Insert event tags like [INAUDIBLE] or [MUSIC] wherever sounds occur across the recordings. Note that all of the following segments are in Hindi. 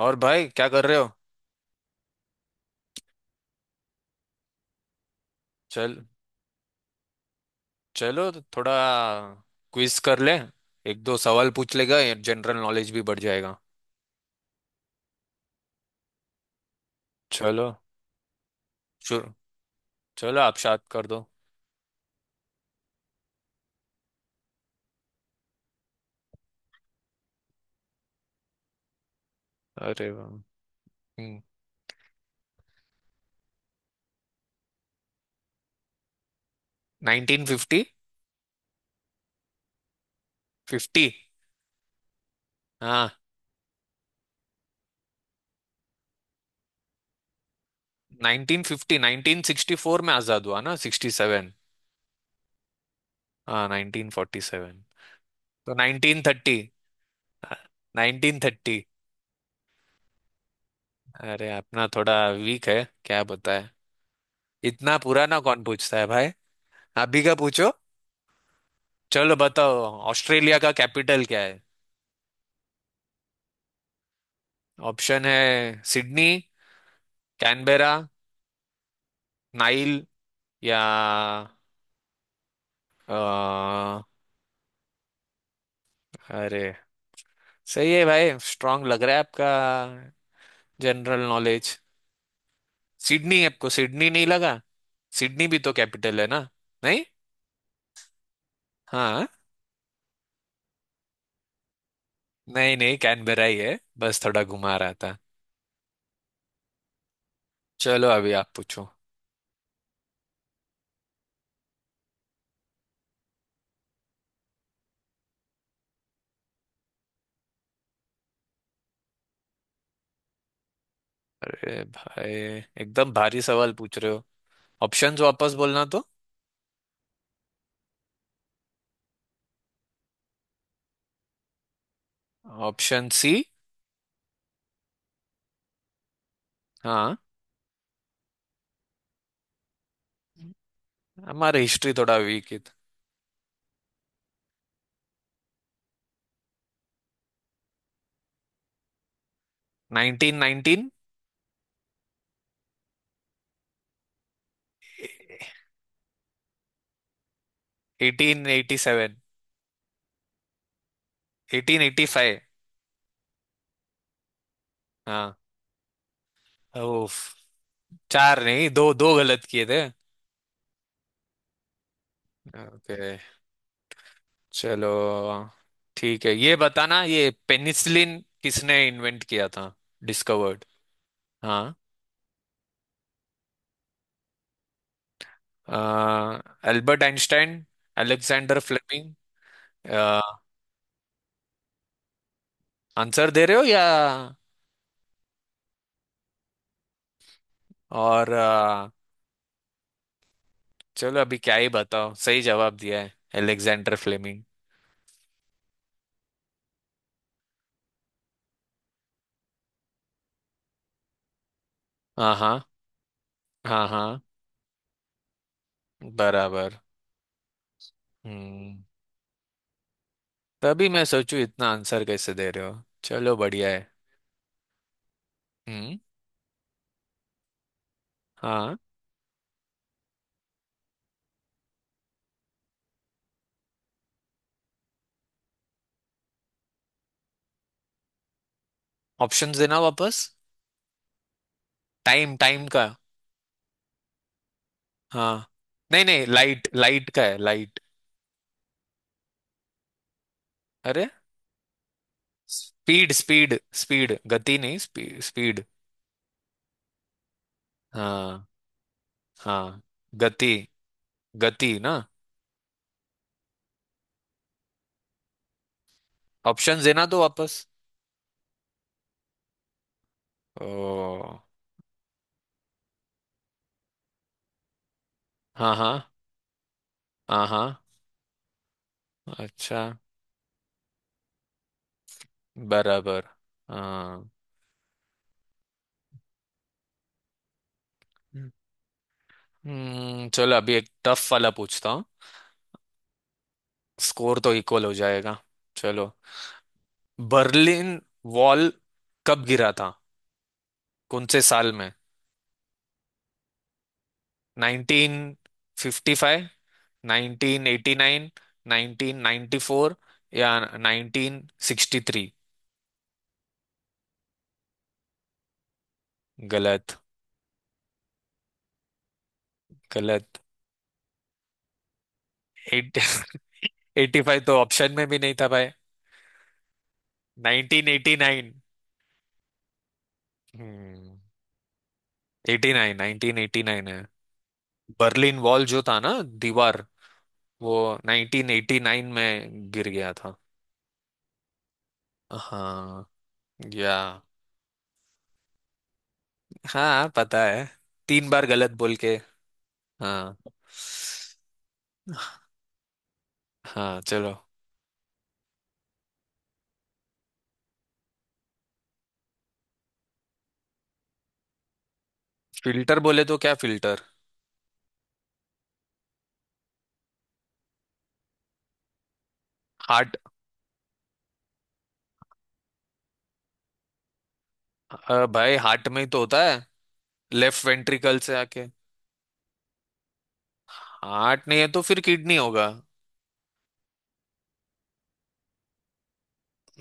और भाई क्या कर रहे हो? चल चलो तो थोड़ा क्विज कर ले। एक दो सवाल पूछ लेगा, जनरल नॉलेज भी बढ़ जाएगा। चलो शुरू। चलो आप शायद कर दो। अरे वाह! 1950। फिफ्टी। हाँ। 1950 1964 में आजाद हुआ ना, 67। हाँ, 1947। तो 1930। 1930। अरे अपना थोड़ा वीक है। क्या बताए। इतना पुराना कौन पूछता है भाई। अभी का पूछो। चलो बताओ। ऑस्ट्रेलिया का कैपिटल क्या है? ऑप्शन है सिडनी, कैनबेरा, नाइल या अ, अरे, सही है भाई, स्ट्रांग लग रहा है आपका जनरल नॉलेज। सिडनी? आपको सिडनी नहीं लगा? सिडनी भी तो कैपिटल है ना। नहीं। हाँ। नहीं नहीं, कैनबेरा ही है, बस थोड़ा घुमा रहा था। चलो अभी आप पूछो। अरे भाई, एकदम भारी सवाल पूछ रहे हो। ऑप्शंस वापस बोलना तो। Option C. हाँ। हमारा हिस्ट्री थोड़ा वीक है। 1919। 1887। 1885। हाँ। ओफ। चार नहीं, दो दो गलत किए थे। ओके। चलो। ठीक है, ये बताना ये पेनिसिलिन किसने इन्वेंट किया था, डिस्कवर्ड। हाँ। Albert Einstein. Alexander Fleming. Answer दे रहे हो या और अ, चलो अभी क्या ही बताओ, सही जवाब दिया है। Alexander Fleming. हाँ हाँ। हाँ हाँ। बराबर। हम्म। तभी मैं सोचूं इतना आंसर कैसे दे रहे हो, चलो बढ़िया है। हम्म। हाँ। ऑप्शंस देना वापस। टाइम, टाइम का। हाँ। नहीं नहीं, लाइट लाइट का है, लाइट। अरे। स्पीड स्पीड स्पीड, गति नहीं, स्पीड स्पीड। हाँ हाँ। गति। गति ना। ऑप्शंस देना तो वापस। ओ। हाँ हाँ। हाँ हाँ। अच्छा। बराबर। हाँ। हम्म, चलो अभी एक टफ वाला पूछता हूँ। स्कोर तो इक्वल हो जाएगा। चलो। बर्लिन वॉल कब गिरा था, कौन से साल में? 1955, 1989, 1994 या 1963। गलत। गलत। एट [LAUGHS] 85 तो ऑप्शन में भी नहीं था भाई। 1989। हम्म। 89, 1989 है। बर्लिन वॉल जो था ना, दीवार, वो 1989 में गिर गया था। हाँ। या। हाँ पता है, 3 बार गलत बोल के। हाँ। हाँ। चलो। फिल्टर बोले तो क्या फिल्टर? हार्ट। भाई हार्ट में ही तो होता है, लेफ्ट वेंट्रिकल से आके। हार्ट नहीं है तो फिर किडनी होगा।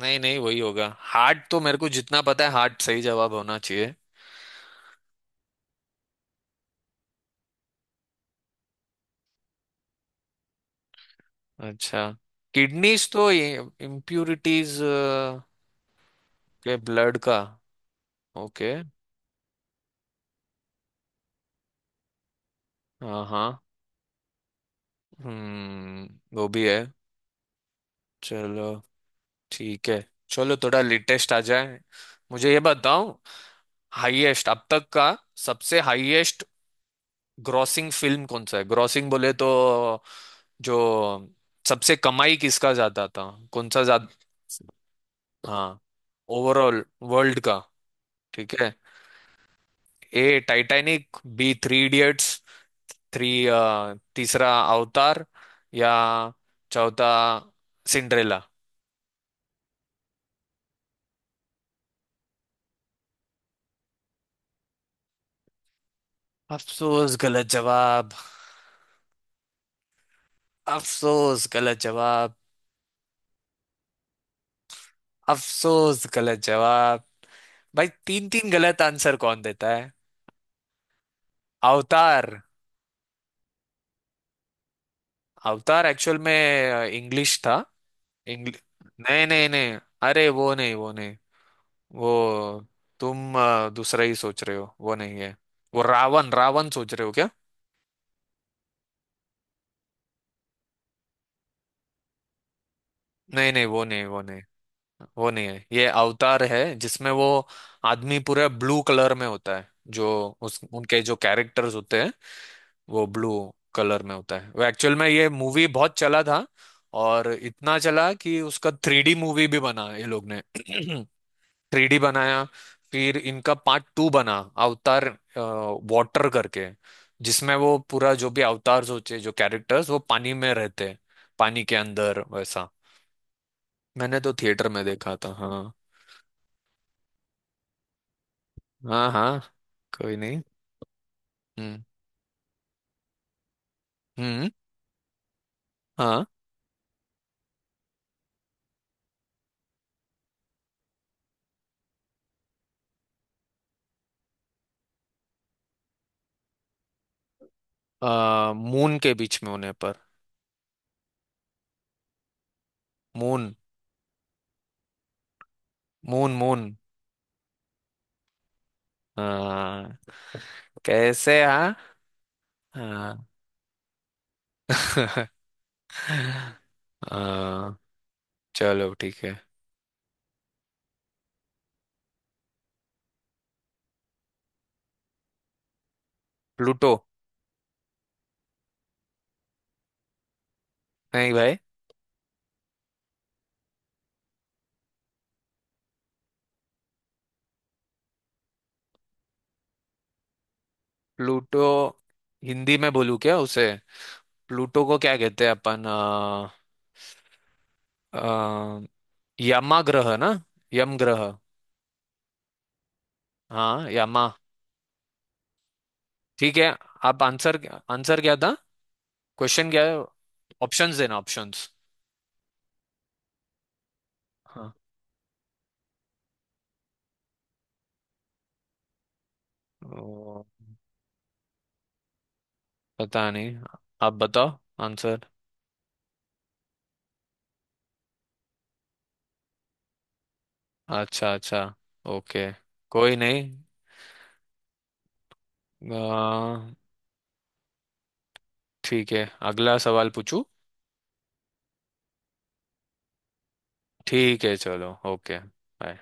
नहीं नहीं, वही होगा। हार्ट तो मेरे को जितना पता है, हार्ट सही जवाब होना चाहिए। अच्छा। किडनीज तो ये इम्प्यूरिटीज के ब्लड का। ओके। हाँ हाँ। हम्म। वो भी है। चलो। ठीक है। चलो थोड़ा लेटेस्ट आ जाए, मुझे ये बताओ। हाईएस्ट अब तक का, सबसे हाईएस्ट ग्रॉसिंग फिल्म कौन सा है? ग्रॉसिंग बोले तो, जो सबसे कमाई किसका ज्यादा था, कौन सा ज्यादा। हाँ। ओवरऑल, वर्ल्ड का। ठीक है। A Titanic, B three idiots, three तीसरा अवतार, या चौथा सिंड्रेला। अफसोस गलत जवाब। अफसोस गलत जवाब। अफसोस गलत जवाब। भाई तीन तीन गलत आंसर कौन देता है? अवतार। अवतार एक्चुअल में इंग्लिश था। इंग्लिश। नहीं नहीं नहीं। अरे वो नहीं, वो नहीं। वो तुम दूसरा ही सोच रहे हो, वो नहीं है। वो रावण रावण सोच रहे हो क्या? नहीं नहीं, वो नहीं वो नहीं। वो नहीं है, ये अवतार है जिसमें वो आदमी पूरा ब्लू कलर में होता है। जो उस उनके जो कैरेक्टर्स होते हैं वो ब्लू कलर में होता है। वो एक्चुअल में ये मूवी बहुत चला था, और इतना चला कि उसका 3D मूवी भी बना ये लोग ने। [CLEARS THROAT] थ्री डी बनाया। फिर इनका पार्ट 2 बना, अवतार वाटर करके, जिसमें वो पूरा जो भी अवतार्स होते हैं, जो कैरेक्टर्स वो पानी में रहते हैं, पानी के अंदर वैसा। मैंने तो थिएटर में देखा था। हाँ। हाँ हाँ। कोई नहीं। हम्म हम्म। हाँ। मून के बीच में होने पर। मून। Moon moon. हाँ। कैसे हाँ। हाँ। [LAUGHS] आ, चलो ठीक है। प्लूटो। नहीं भाई। प्लूटो हिंदी में बोलूँ क्या उसे? प्लूटो को क्या कहते हैं अपन आ, यमा ग्रह ना। यम ग्रह। हाँ यमा। ठीक है। आप आंसर। आंसर क्या था? क्वेश्चन क्या है? ऑप्शंस देना, ऑप्शंस। हाँ। ओ, पता नहीं। आप बताओ आंसर। अच्छा अच्छा। ओके। कोई नहीं। आ, ठीक है। अगला सवाल पूछू। ठीक है चलो, ओके बाय।